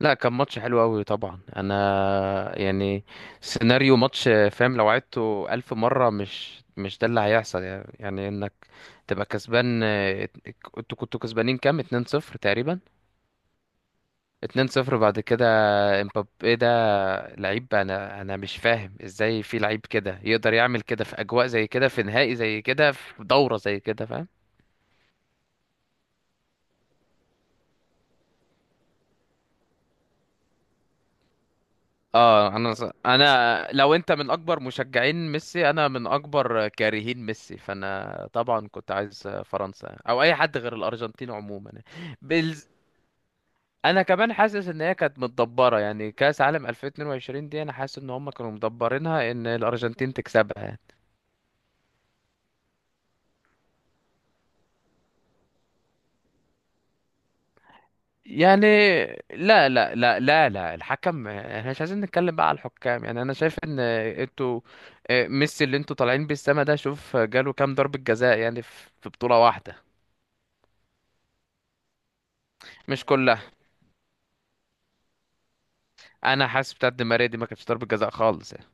لا، كان ماتش حلو قوي طبعا. انا يعني سيناريو ماتش، فاهم؟ لو عدته ألف مرة مش ده اللي هيحصل. يعني انك تبقى كسبان. انتوا كنتوا كسبانين كام؟ 2-0 تقريبا. 2-0 بعد كده. امبابي ده لعيب، انا مش فاهم ازاي في لعيب كده يقدر يعمل كده في اجواء زي كده، في نهائي زي كده، في دورة زي كده، فاهم؟ اه، انا لو انت من اكبر مشجعين ميسي، انا من اكبر كارهين ميسي. فانا طبعا كنت عايز فرنسا او اي حد غير الارجنتين عموما. بلز... انا كمان حاسس ان هي كانت متدبره. يعني كاس عالم 2022 دي، انا حاسس ان هم كانوا مدبرينها ان الارجنتين تكسبها. يعني لا لا لا لا لا، الحكم احنا مش عايزين نتكلم بقى على الحكام. يعني انا شايف ان انتوا. ميسي اللي انتوا طالعين بيه السما ده، شوف جاله كام ضربة جزاء يعني في بطولة واحدة؟ مش كلها. انا حاسس بتاعت دي ماريا دي ما كانتش ضربة جزاء خالص يعني.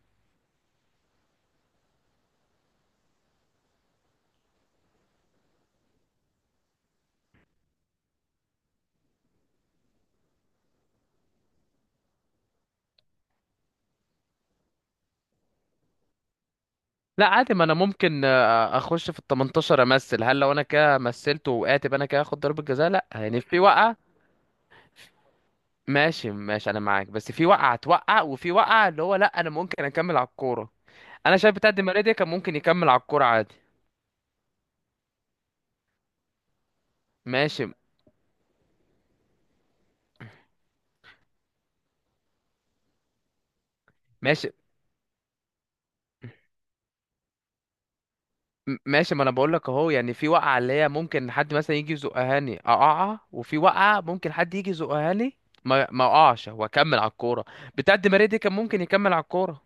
لا، عادي، ما انا ممكن اخش في ال 18 امثل. هل لو انا كده مثلت وقعت يبقى انا كده اخد ضربة جزاء؟ لا، يعني في وقعة. ماشي، ماشي، انا معاك. بس في وقعة توقع، وفي وقعة اللي هو لا، انا ممكن اكمل على الكورة. انا شايف بتاعت دي ماريا دي كان ممكن يكمل على الكورة عادي. ماشي، ماشي. ماشي، ما انا بقول لك اهو. يعني في وقعه اللي هي ممكن حد مثلا يجي يزقهاني اقعها، وفي وقعه ممكن حد يجي يزقهاني ما ما اقعش واكمل على الكوره. بتاعه دي ماريا دي كان ممكن يكمل على الكوره.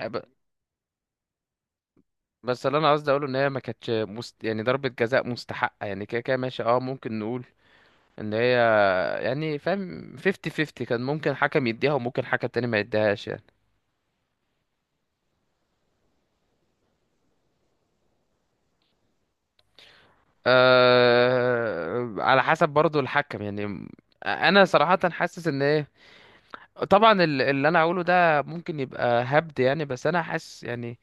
ب- بس اللي انا قصدي اقوله ان هي ما كانتش يعني ضربه جزاء مستحقه. يعني كده كده ماشي، اه ممكن نقول ان هي، يعني فاهم، 50 50 كان ممكن حكم يديها وممكن حكم تاني ما يديهاش يعني. على حسب برضو الحكم يعني. انا صراحه حاسس ان هي طبعا اللي انا هقوله ده ممكن يبقى هبد يعني، بس انا حاسس يعني.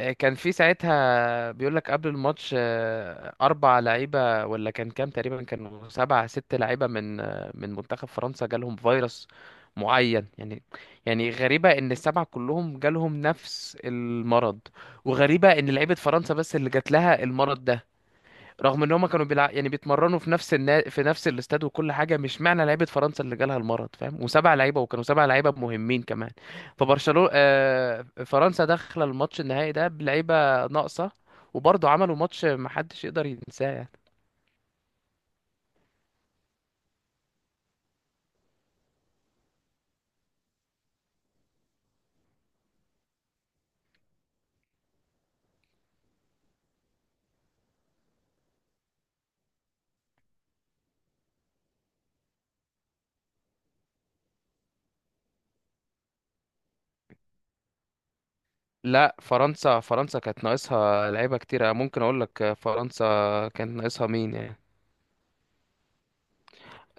كان في ساعتها بيقول لك قبل الماتش اربع لعيبه ولا كان كام تقريبا، كانوا سبعة ست لعيبه من من منتخب فرنسا جالهم فيروس معين يعني. يعني غريبه ان السبعه كلهم جالهم نفس المرض، وغريبه ان لعيبه فرنسا بس اللي جات لها المرض ده، رغم ان هما كانوا يعني بيتمرنوا في نفس في نفس الاستاد وكل حاجه. مش معنى لعيبه فرنسا اللي جالها المرض، فاهم؟ وسبع لعيبه، وكانوا سبع لعيبه مهمين كمان. فرنسا داخله الماتش النهائي ده بلعيبه ناقصه، وبرضه عملوا ماتش محدش يقدر ينساه يعني. لا، فرنسا كانت ناقصها لعيبه كتيره. ممكن اقول لك فرنسا كانت ناقصها مين يعني.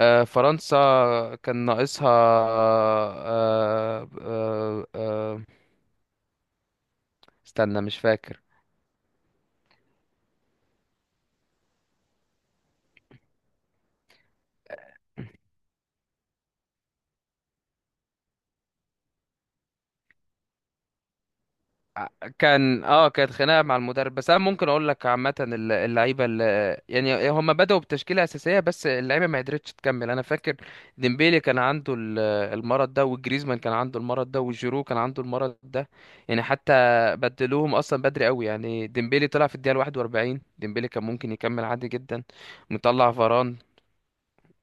فرنسا كان ناقصها استنى، مش فاكر. كانت خناقه مع المدرب. بس انا ممكن اقول لك عامه اللعيبه اللي يعني هم بداوا بتشكيله اساسيه، بس اللعيبه ما قدرتش تكمل. انا فاكر ديمبيلي كان عنده المرض ده، وجريزمان كان عنده المرض ده، وجيرو كان عنده المرض ده. يعني حتى بدلوهم اصلا بدري قوي. يعني ديمبيلي طلع في الدقيقه 41، ديمبيلي كان ممكن يكمل عادي جدا. مطلع فاران،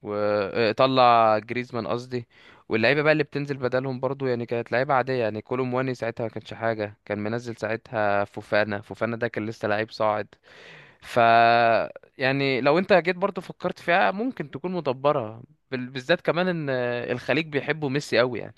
وطلع جريزمان قصدي. واللعيبه بقى اللي بتنزل بدلهم برضو يعني كانت لعيبه عاديه. يعني كولو مواني ساعتها ما كانش حاجه، كان منزل ساعتها فوفانا. فوفانا ده كان لسه لعيب صاعد. ف يعني لو انت جيت برضو فكرت فيها ممكن تكون مدبره. بالذات كمان ان الخليج بيحبوا ميسي قوي يعني.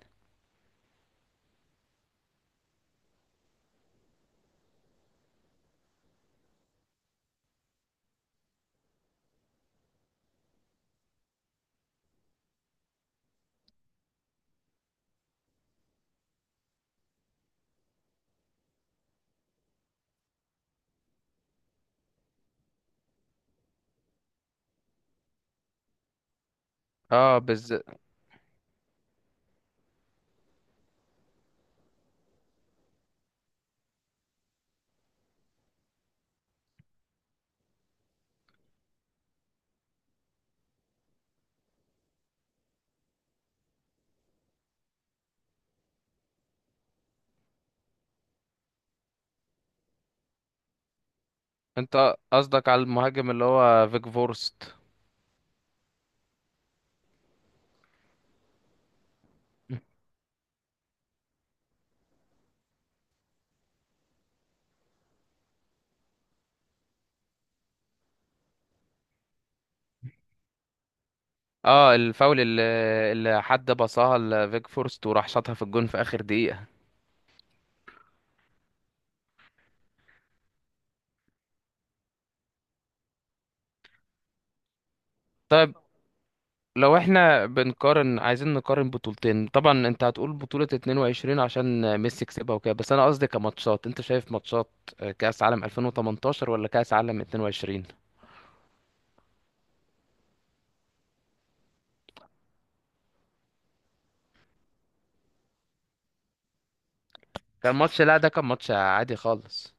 اه، بالذات. انت قصدك على المهاجم اللي هو فيج فورست؟ اه، الفاول اللي حد بصاها لفيج فورست وراح شاطها في الجون في اخر دقيقه. طيب، لو احنا بنقارن عايزين نقارن بطولتين، طبعا انت هتقول بطولة 22 عشان ميسي كسبها وكده. بس انا قصدي كماتشات، انت شايف ماتشات كأس عالم 2018 ولا كأس عالم 22 كان ماتش؟ لا، ده كان ماتش عادي خالص.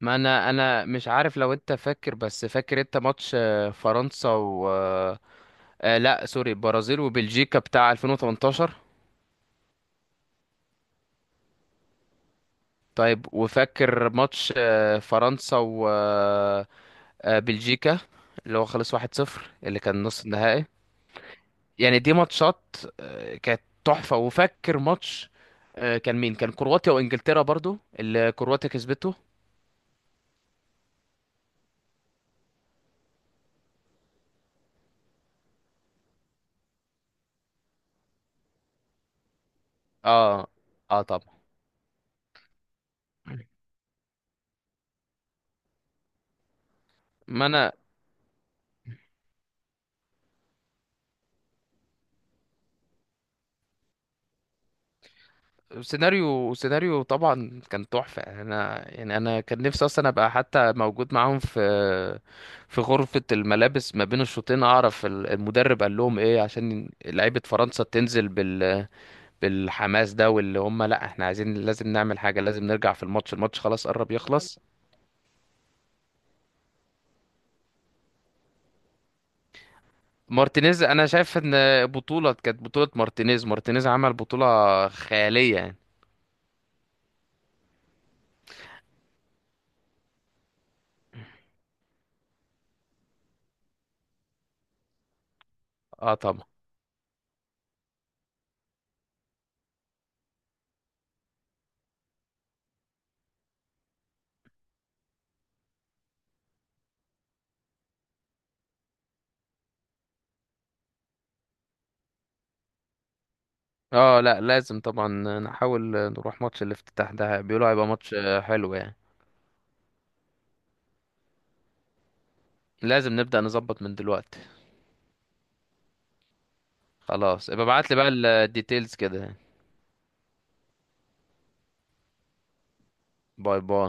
ما انا مش عارف لو انت فاكر، بس فاكر انت ماتش فرنسا و لا، سوري، برازيل وبلجيكا بتاع 2018؟ طيب، وفاكر ماتش فرنسا وبلجيكا اللي هو خلص 1-0، اللي كان نص النهائي؟ يعني دي ماتشات كانت تحفة. وفاكر ماتش كان مين، كان كرواتيا وانجلترا برضو، اللي كرواتيا كسبته؟ اه. اه، طبعا. ما انا سيناريو، طبعا كان تحفة. انا يعني انا كان نفسي اصلا ابقى حتى موجود معاهم في غرفة الملابس ما بين الشوطين، اعرف المدرب قال لهم ايه عشان لعيبة فرنسا تنزل بالحماس ده، واللي هم لا، احنا عايزين، لازم نعمل حاجة، لازم نرجع في الماتش، الماتش خلاص قرب يخلص. مارتينيز، انا شايف ان بطولة كانت بطولة مارتينيز عمل بطولة خيالية يعني. اه، طبعا. اه، لا، لازم طبعا نحاول نروح ماتش الافتتاح ده. بيقولوا هيبقى ماتش حلو يعني. لازم نبدأ نظبط من دلوقتي. خلاص، ابقى ابعت لي بقى الديتيلز كده يعني. باي باي.